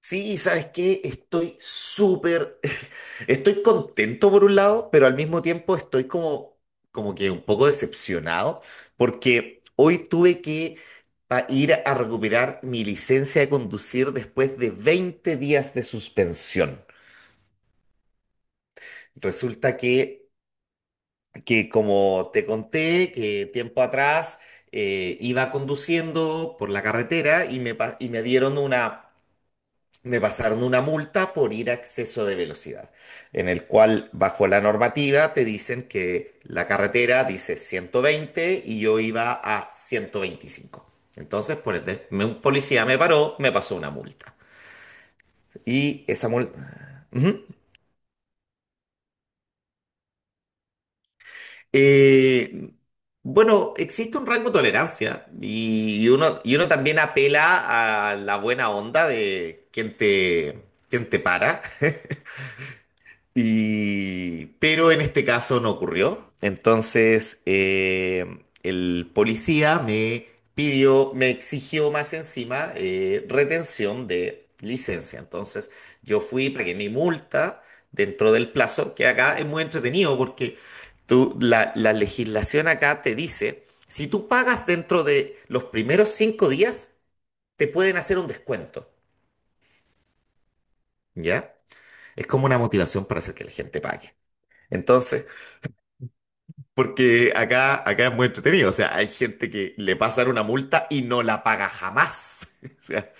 Sí, ¿sabes qué? Estoy súper, estoy contento por un lado, pero al mismo tiempo estoy como que un poco decepcionado, porque hoy tuve que ir a recuperar mi licencia de conducir después de 20 días de suspensión. Resulta que como te conté, que tiempo atrás iba conduciendo por la carretera y me pasaron una multa por ir a exceso de velocidad, en el cual bajo la normativa te dicen que la carretera dice 120 y yo iba a 125. Entonces, por ende, un policía me paró, me pasó una multa. Y esa multa... Eh, bueno, existe un rango de tolerancia y uno también apela a la buena onda de quien te para. Y, pero en este caso no ocurrió. Entonces, el policía me pidió, me exigió más encima retención de licencia. Entonces, yo fui, pagué mi multa dentro del plazo, que acá es muy entretenido porque la legislación acá te dice, si tú pagas dentro de los primeros 5 días, te pueden hacer un descuento, ¿ya? Es como una motivación para hacer que la gente pague. Entonces, porque acá es muy entretenido. O sea, hay gente que le pasan una multa y no la paga jamás. O sea,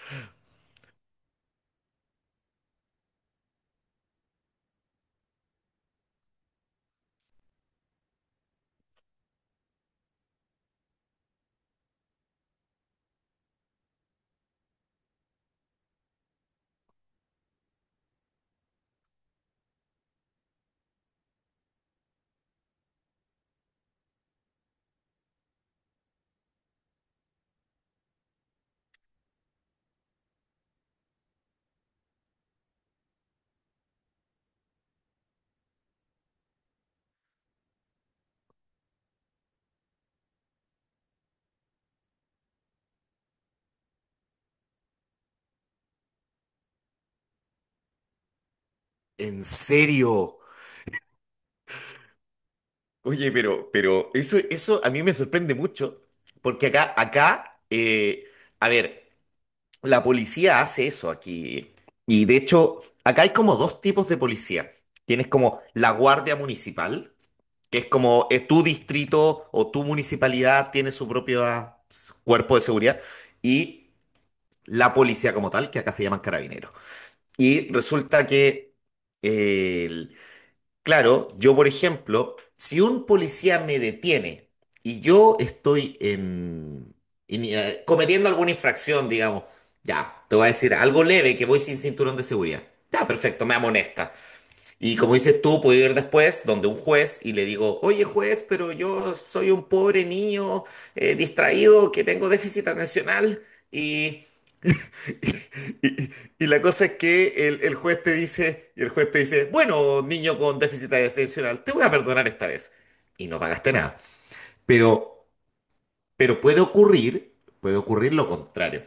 ¿en serio? Oye, pero eso a mí me sorprende mucho. Porque acá, a ver, la policía hace eso aquí. Y de hecho, acá hay como dos tipos de policía. Tienes como la guardia municipal, que es como tu distrito o tu municipalidad tiene su propio cuerpo de seguridad. Y la policía como tal, que acá se llaman carabineros. Y resulta que, eh, el- claro, yo por ejemplo, si un policía me detiene y yo estoy cometiendo alguna infracción, digamos, ya, te voy a decir algo leve, que voy sin cinturón de seguridad. Ya, perfecto, me amonesta. Y como dices tú, puedo ir después donde un juez y le digo, oye juez, pero yo soy un pobre niño distraído que tengo déficit atencional y Y, y- y la cosa es que el juez te dice, y el juez te dice, bueno, niño con déficit atencional, te voy a perdonar esta vez. Y no pagaste nada. Pero, pero puede ocurrir lo contrario,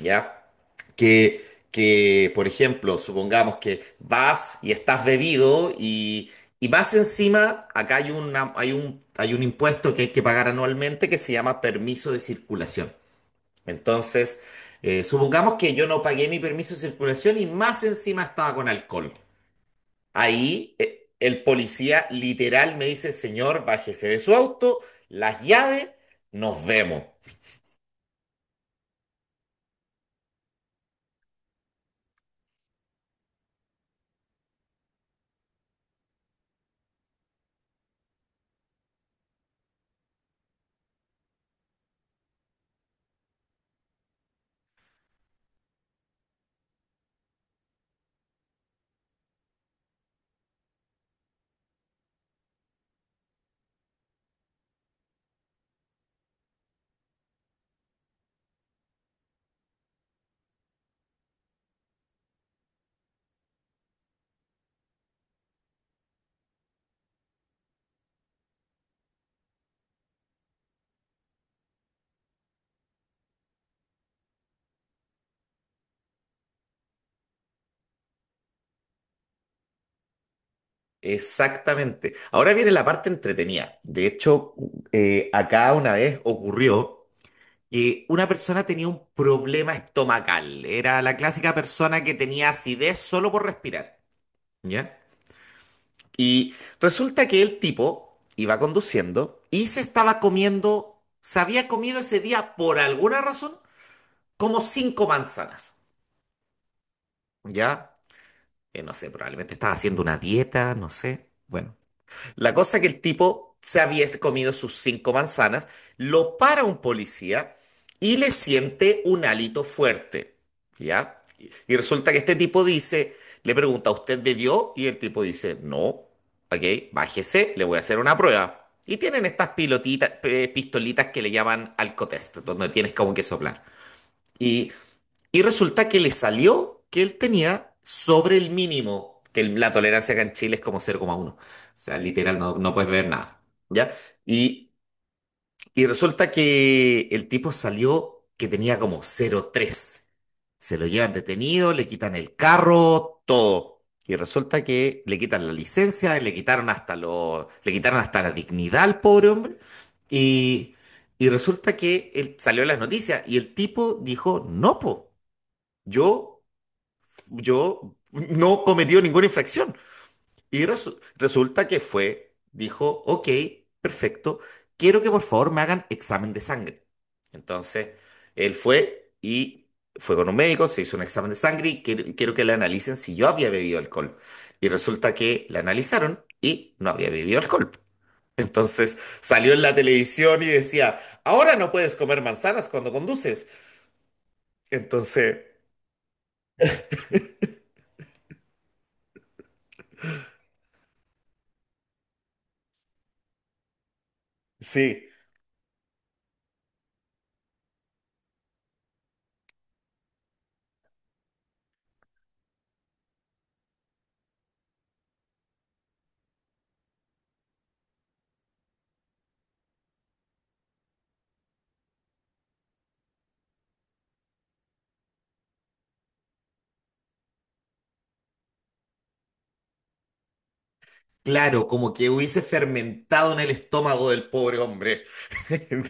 ¿ya? Que, que, por ejemplo, supongamos que vas y estás bebido y más encima, acá hay un impuesto que hay que pagar anualmente que se llama permiso de circulación. Entonces, supongamos que yo no pagué mi permiso de circulación y más encima estaba con alcohol. Ahí el policía literal me dice, señor, bájese de su auto, las llaves, nos vemos. Exactamente. Ahora viene la parte entretenida. De hecho, acá una vez ocurrió que una persona tenía un problema estomacal. Era la clásica persona que tenía acidez solo por respirar. ¿Ya? Y resulta que el tipo iba conduciendo y se estaba comiendo, se había comido ese día por alguna razón como cinco manzanas, ¿ya? No sé, probablemente estaba haciendo una dieta, no sé. Bueno, la cosa que el tipo se había comido sus cinco manzanas, lo para un policía y le siente un hálito fuerte, ¿ya? Y resulta que este tipo dice, le pregunta, ¿usted bebió? Y el tipo dice, no, ok, bájese, le voy a hacer una prueba. Y tienen estas pilotitas, pistolitas que le llaman alcotest, donde tienes como que soplar. Y y resulta que le salió que él tenía sobre el mínimo, que la tolerancia acá en Chile es como 0,1. O sea, literal, no, no puedes ver nada. ¿Ya? Y, y resulta que el tipo salió que tenía como 0,3. Se lo llevan detenido, le quitan el carro, todo. Y resulta que le quitan la licencia, le quitaron hasta lo, le quitaron hasta la dignidad al pobre hombre. Y, y resulta que él salió en las noticias y el tipo dijo, no, po, yo yo no cometió ninguna infracción. Y resulta que fue, dijo, ok, perfecto, quiero que por favor me hagan examen de sangre. Entonces, él fue y fue con un médico, se hizo un examen de sangre y quiero que le analicen si yo había bebido alcohol. Y resulta que le analizaron y no había bebido alcohol. Entonces salió en la televisión y decía, ahora no puedes comer manzanas cuando conduces. Entonces, sí. Claro, como que hubiese fermentado en el estómago del pobre hombre.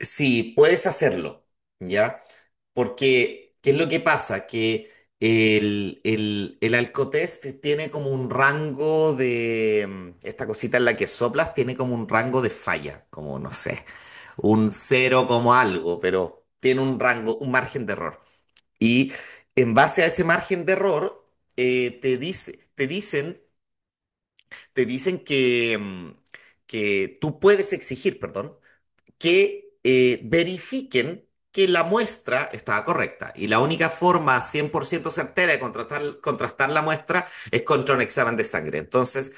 Sí, puedes hacerlo, ¿ya? Porque, ¿qué es lo que pasa? Que el Alcotest tiene como un rango de, esta cosita en la que soplas tiene como un rango de falla, como no sé, un cero como algo, pero tiene un rango, un margen de error. Y en base a ese margen de error, te dice, te dicen que, tú puedes exigir, perdón, que verifiquen que la muestra estaba correcta. Y la única forma 100% certera de contrastar la muestra es contra un examen de sangre. Entonces,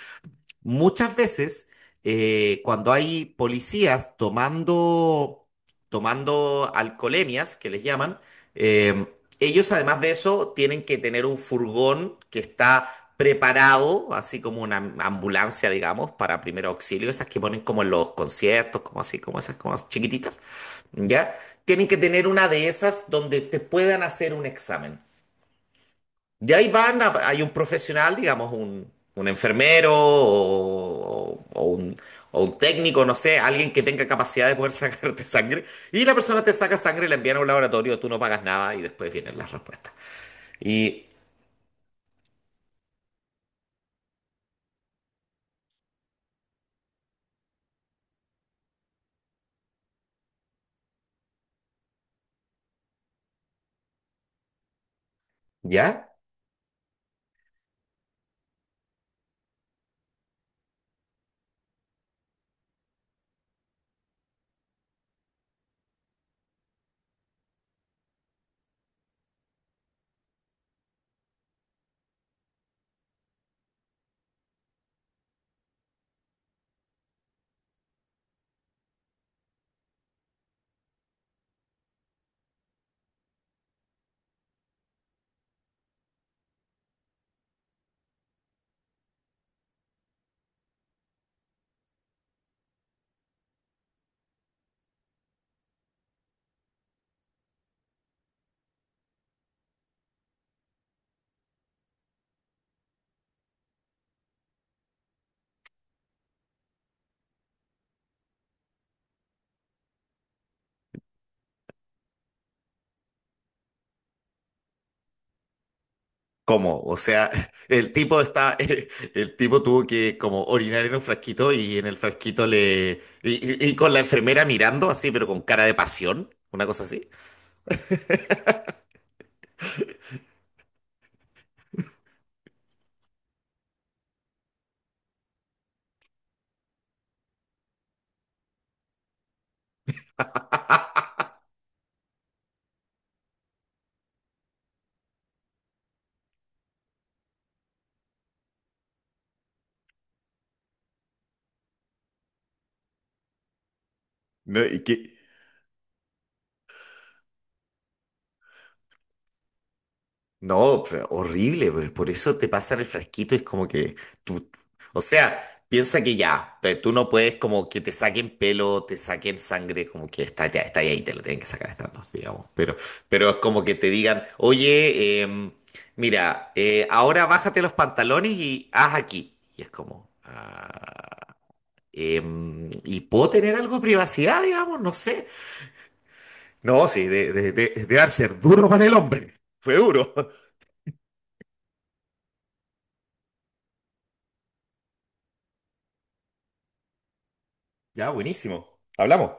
muchas veces, cuando hay policías tomando alcoholemias, que les llaman, eh, ellos además de eso tienen que tener un furgón que está preparado, así como una ambulancia, digamos, para primer auxilio, esas que ponen como en los conciertos, como así, como esas, como chiquititas, ¿ya? Tienen que tener una de esas donde te puedan hacer un examen de ahí van, hay un profesional, digamos, un enfermero o un técnico, no sé, alguien que tenga capacidad de poder sacarte sangre. Y la persona te saca sangre, la envían a un laboratorio, tú no pagas nada y después vienen las respuestas. Y ya, ¿cómo? O sea, el tipo está, el tipo tuvo que como orinar en un frasquito y en el frasquito le... y con la enfermera mirando así, pero con cara de pasión, una cosa así. ¿No? ¿Y qué? No, pues, horrible, pero por eso te pasan el frasquito, es como que tú, o sea, piensa que ya, tú no puedes como que te saquen pelo, te saquen sangre, como que está, ya está ahí, te lo tienen que sacar estas dos, digamos, pero es como que te digan, oye, mira, ahora bájate los pantalones y haz aquí, y es como, ah, ¿y puedo tener algo de privacidad, digamos? No sé. No, sí, de dar ser duro para el hombre, fue duro. Ya, buenísimo. Hablamos.